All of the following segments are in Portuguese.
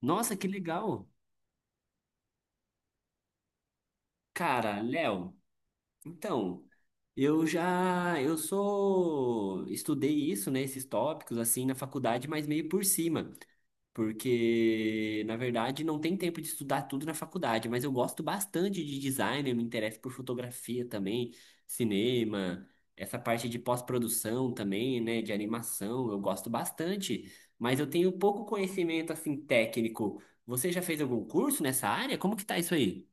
Nossa, que legal. Cara, Léo, então, eu já, eu sou, estudei isso, né, esses tópicos, assim, na faculdade, mas meio por cima, porque, na verdade, não tem tempo de estudar tudo na faculdade, mas eu gosto bastante de design, eu me interesso por fotografia também, cinema, essa parte de pós-produção também, né, de animação, eu gosto bastante, mas eu tenho pouco conhecimento, assim, técnico. Você já fez algum curso nessa área? Como que tá isso aí?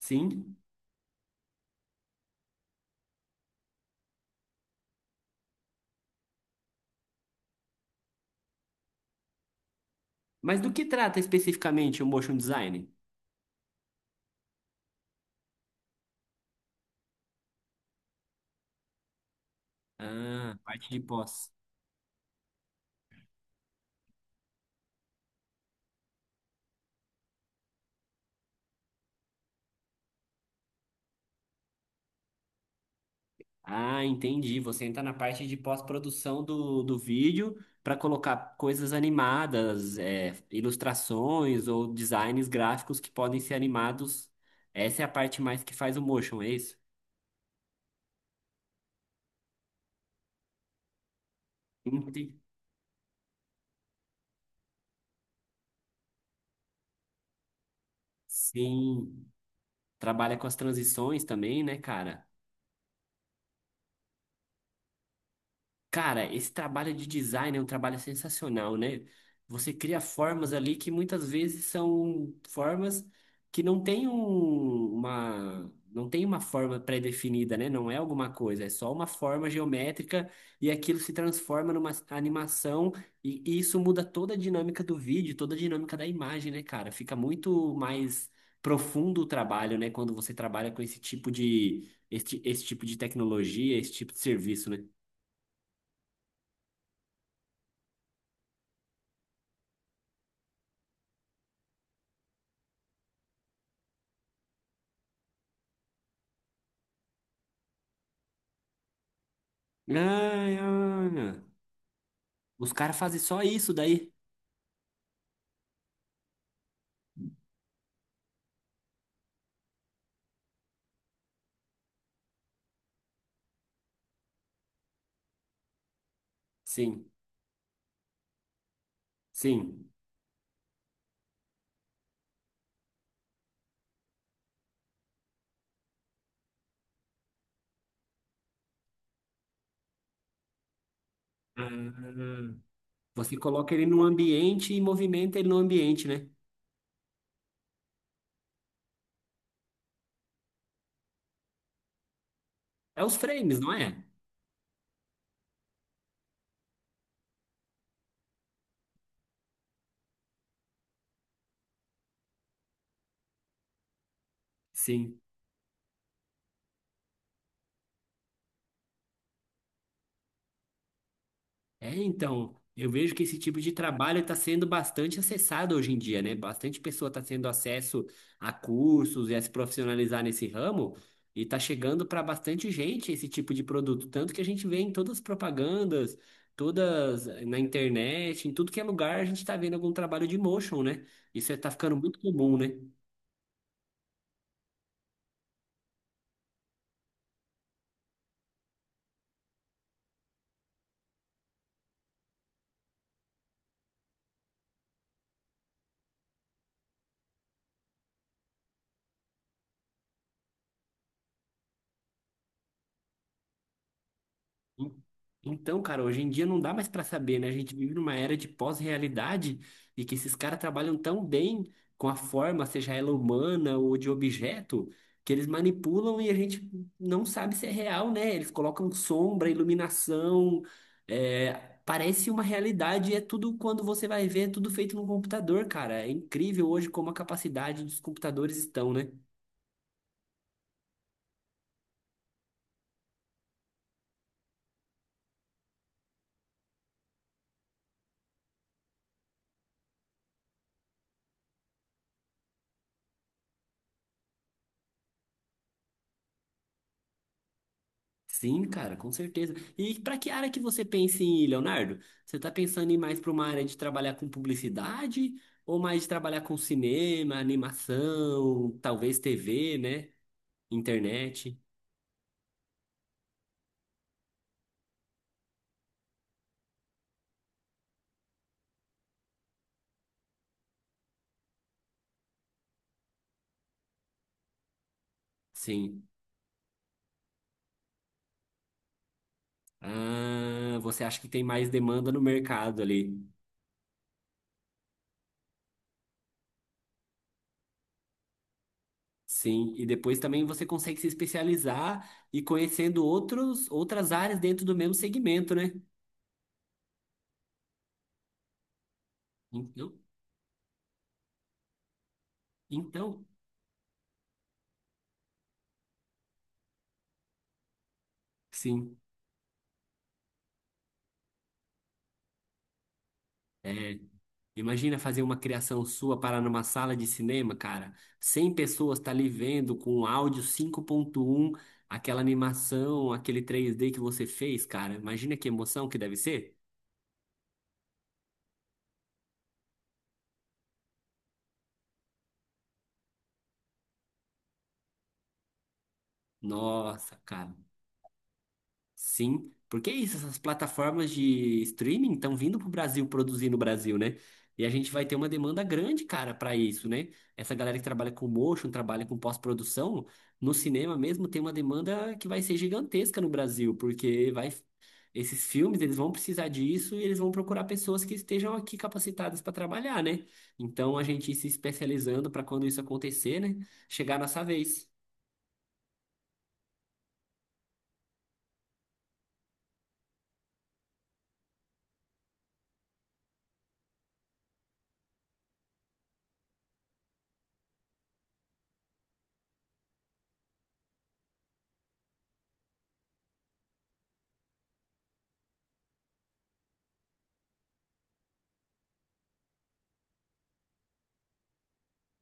Sim. Mas do que trata especificamente o motion design? Ah, parte de pós. Ah, entendi. Você entra na parte de pós-produção do vídeo para colocar coisas animadas, é, ilustrações ou designs gráficos que podem ser animados. Essa é a parte mais que faz o motion, é isso? Entendi. Sim. Trabalha com as transições também, né, cara? Cara, esse trabalho de design é um trabalho sensacional, né? Você cria formas ali que muitas vezes são formas que não tem uma forma pré-definida, né? Não é alguma coisa, é só uma forma geométrica e aquilo se transforma numa animação e isso muda toda a dinâmica do vídeo, toda a dinâmica da imagem, né, cara? Fica muito mais profundo o trabalho, né? Quando você trabalha com esse tipo de tecnologia, esse tipo de serviço, né? Ai, olha. Os caras fazem só isso daí. Sim, sim. Ah, você coloca ele no ambiente e movimenta ele no ambiente, né? É os frames, não é? Sim. É, então, eu vejo que esse tipo de trabalho está sendo bastante acessado hoje em dia, né? Bastante pessoa está tendo acesso a cursos e a se profissionalizar nesse ramo, e está chegando para bastante gente esse tipo de produto. Tanto que a gente vê em todas as propagandas, todas na internet, em tudo que é lugar, a gente está vendo algum trabalho de motion, né? Isso está ficando muito comum, né? En- Então, cara, hoje em dia não dá mais pra saber, né? A gente vive numa era de pós-realidade e que esses caras trabalham tão bem com a forma, seja ela humana ou de objeto, que eles manipulam e a gente não sabe se é real, né? Eles colocam sombra, iluminação, é, parece uma realidade e é tudo quando você vai ver, é tudo feito no computador, cara. É incrível hoje como a capacidade dos computadores estão, né? Sim, cara, com certeza. E para que área que você pensa em ir, Leonardo? Você está pensando em ir mais para uma área de trabalhar com publicidade ou mais de trabalhar com cinema, animação, talvez TV, né? Internet? Sim. Ah, você acha que tem mais demanda no mercado ali? Sim. E depois também você consegue se especializar e conhecendo outras áreas dentro do mesmo segmento, né? Então, então, sim. É, imagina fazer uma criação sua parar numa sala de cinema, cara. 100 pessoas tá ali vendo com um áudio 5.1, aquela animação, aquele 3D que você fez, cara. Imagina que emoção que deve ser. Nossa, cara. Sim, porque é isso, essas plataformas de streaming estão vindo pro Brasil produzir no Brasil, né? E a gente vai ter uma demanda grande, cara, para isso, né? Essa galera que trabalha com motion, trabalha com pós-produção, no cinema mesmo tem uma demanda que vai ser gigantesca no Brasil, porque vai esses filmes, eles vão precisar disso e eles vão procurar pessoas que estejam aqui capacitadas para trabalhar, né? Então a gente ir se especializando para quando isso acontecer, né, chegar a nossa vez.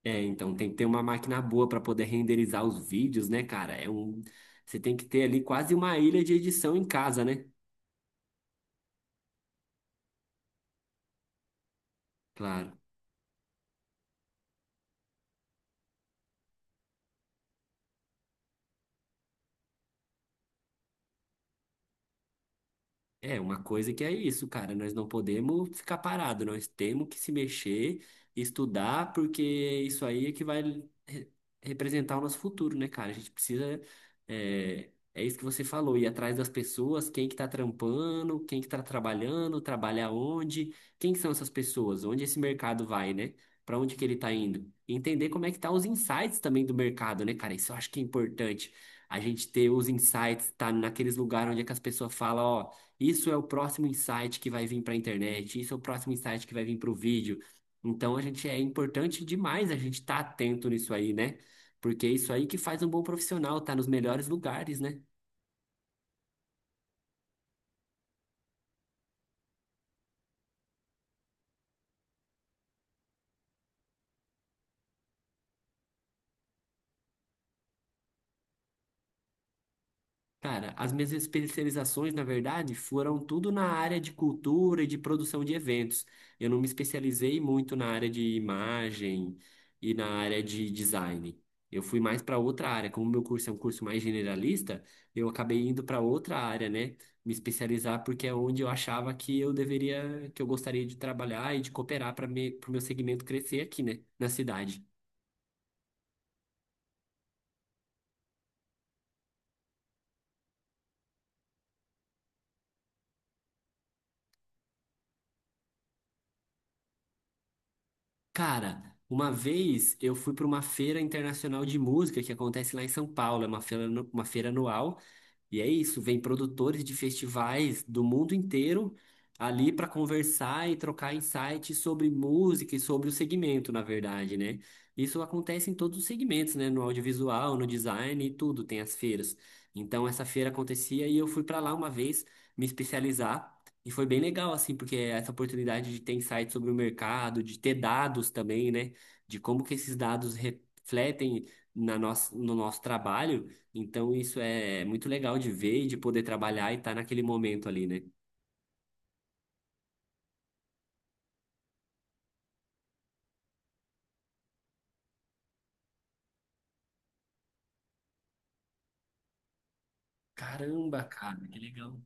É, então tem que ter uma máquina boa para poder renderizar os vídeos, né, cara? É um, você tem que ter ali quase uma ilha de edição em casa, né? Claro. É, uma coisa que é isso, cara. Nós não podemos ficar parado, nós temos que se mexer, estudar, porque isso aí é que vai re- representar o nosso futuro, né, cara? A gente precisa. É, é isso que você falou, ir atrás das pessoas, quem que tá trampando, quem que tá trabalhando, trabalha onde, quem que são essas pessoas, onde esse mercado vai, né? Pra onde que ele tá indo? E entender como é que tá os insights também do mercado, né, cara? Isso eu acho que é importante. A gente ter os insights, tá naqueles lugares onde é que as pessoas falam, ó. Isso é o próximo insight que vai vir para a internet, isso é o próximo insight que vai vir para o vídeo. Então a gente é importante demais a gente estar atento nisso aí, né? Porque é isso aí que faz um bom profissional, tá nos melhores lugares, né? Cara, as minhas especializações, na verdade, foram tudo na área de cultura e de produção de eventos. Eu não me especializei muito na área de imagem e na área de design. Eu fui mais para outra área. Como meu curso é um curso mais generalista, eu acabei indo para outra área, né? Me especializar porque é onde eu achava que eu deveria, que eu gostaria de trabalhar e de cooperar para o meu segmento crescer aqui, né? Na cidade. Cara, uma vez eu fui para uma feira internacional de música que acontece lá em São Paulo, é uma feira anual. E é isso, vem produtores de festivais do mundo inteiro ali para conversar e trocar insights sobre música e sobre o segmento, na verdade, né? Isso acontece em todos os segmentos, né? No audiovisual, no design e tudo, tem as feiras. Então essa feira acontecia e eu fui para lá uma vez me especializar e foi bem legal assim, porque essa oportunidade de ter insights sobre o mercado, de ter dados também, né? De como que esses dados refletem no nosso trabalho. Então isso é muito legal de ver e de poder trabalhar e estar naquele momento ali, né? Caramba, cara, que legal.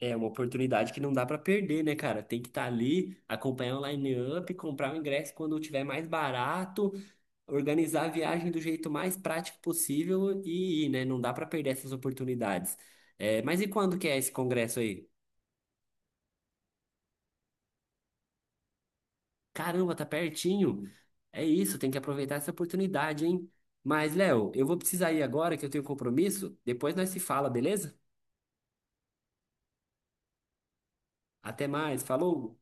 É uma oportunidade que não dá pra perder, né, cara? Tem que estar ali, acompanhar o line-up, comprar o ingresso quando tiver mais barato, organizar a viagem do jeito mais prático possível e ir, né? Não dá pra perder essas oportunidades. É, mas e quando que é esse congresso aí? Caramba, tá pertinho. É isso, tem que aproveitar essa oportunidade, hein? Mas, Léo, eu vou precisar ir agora que eu tenho compromisso. Depois nós se fala, beleza? Até mais, falou!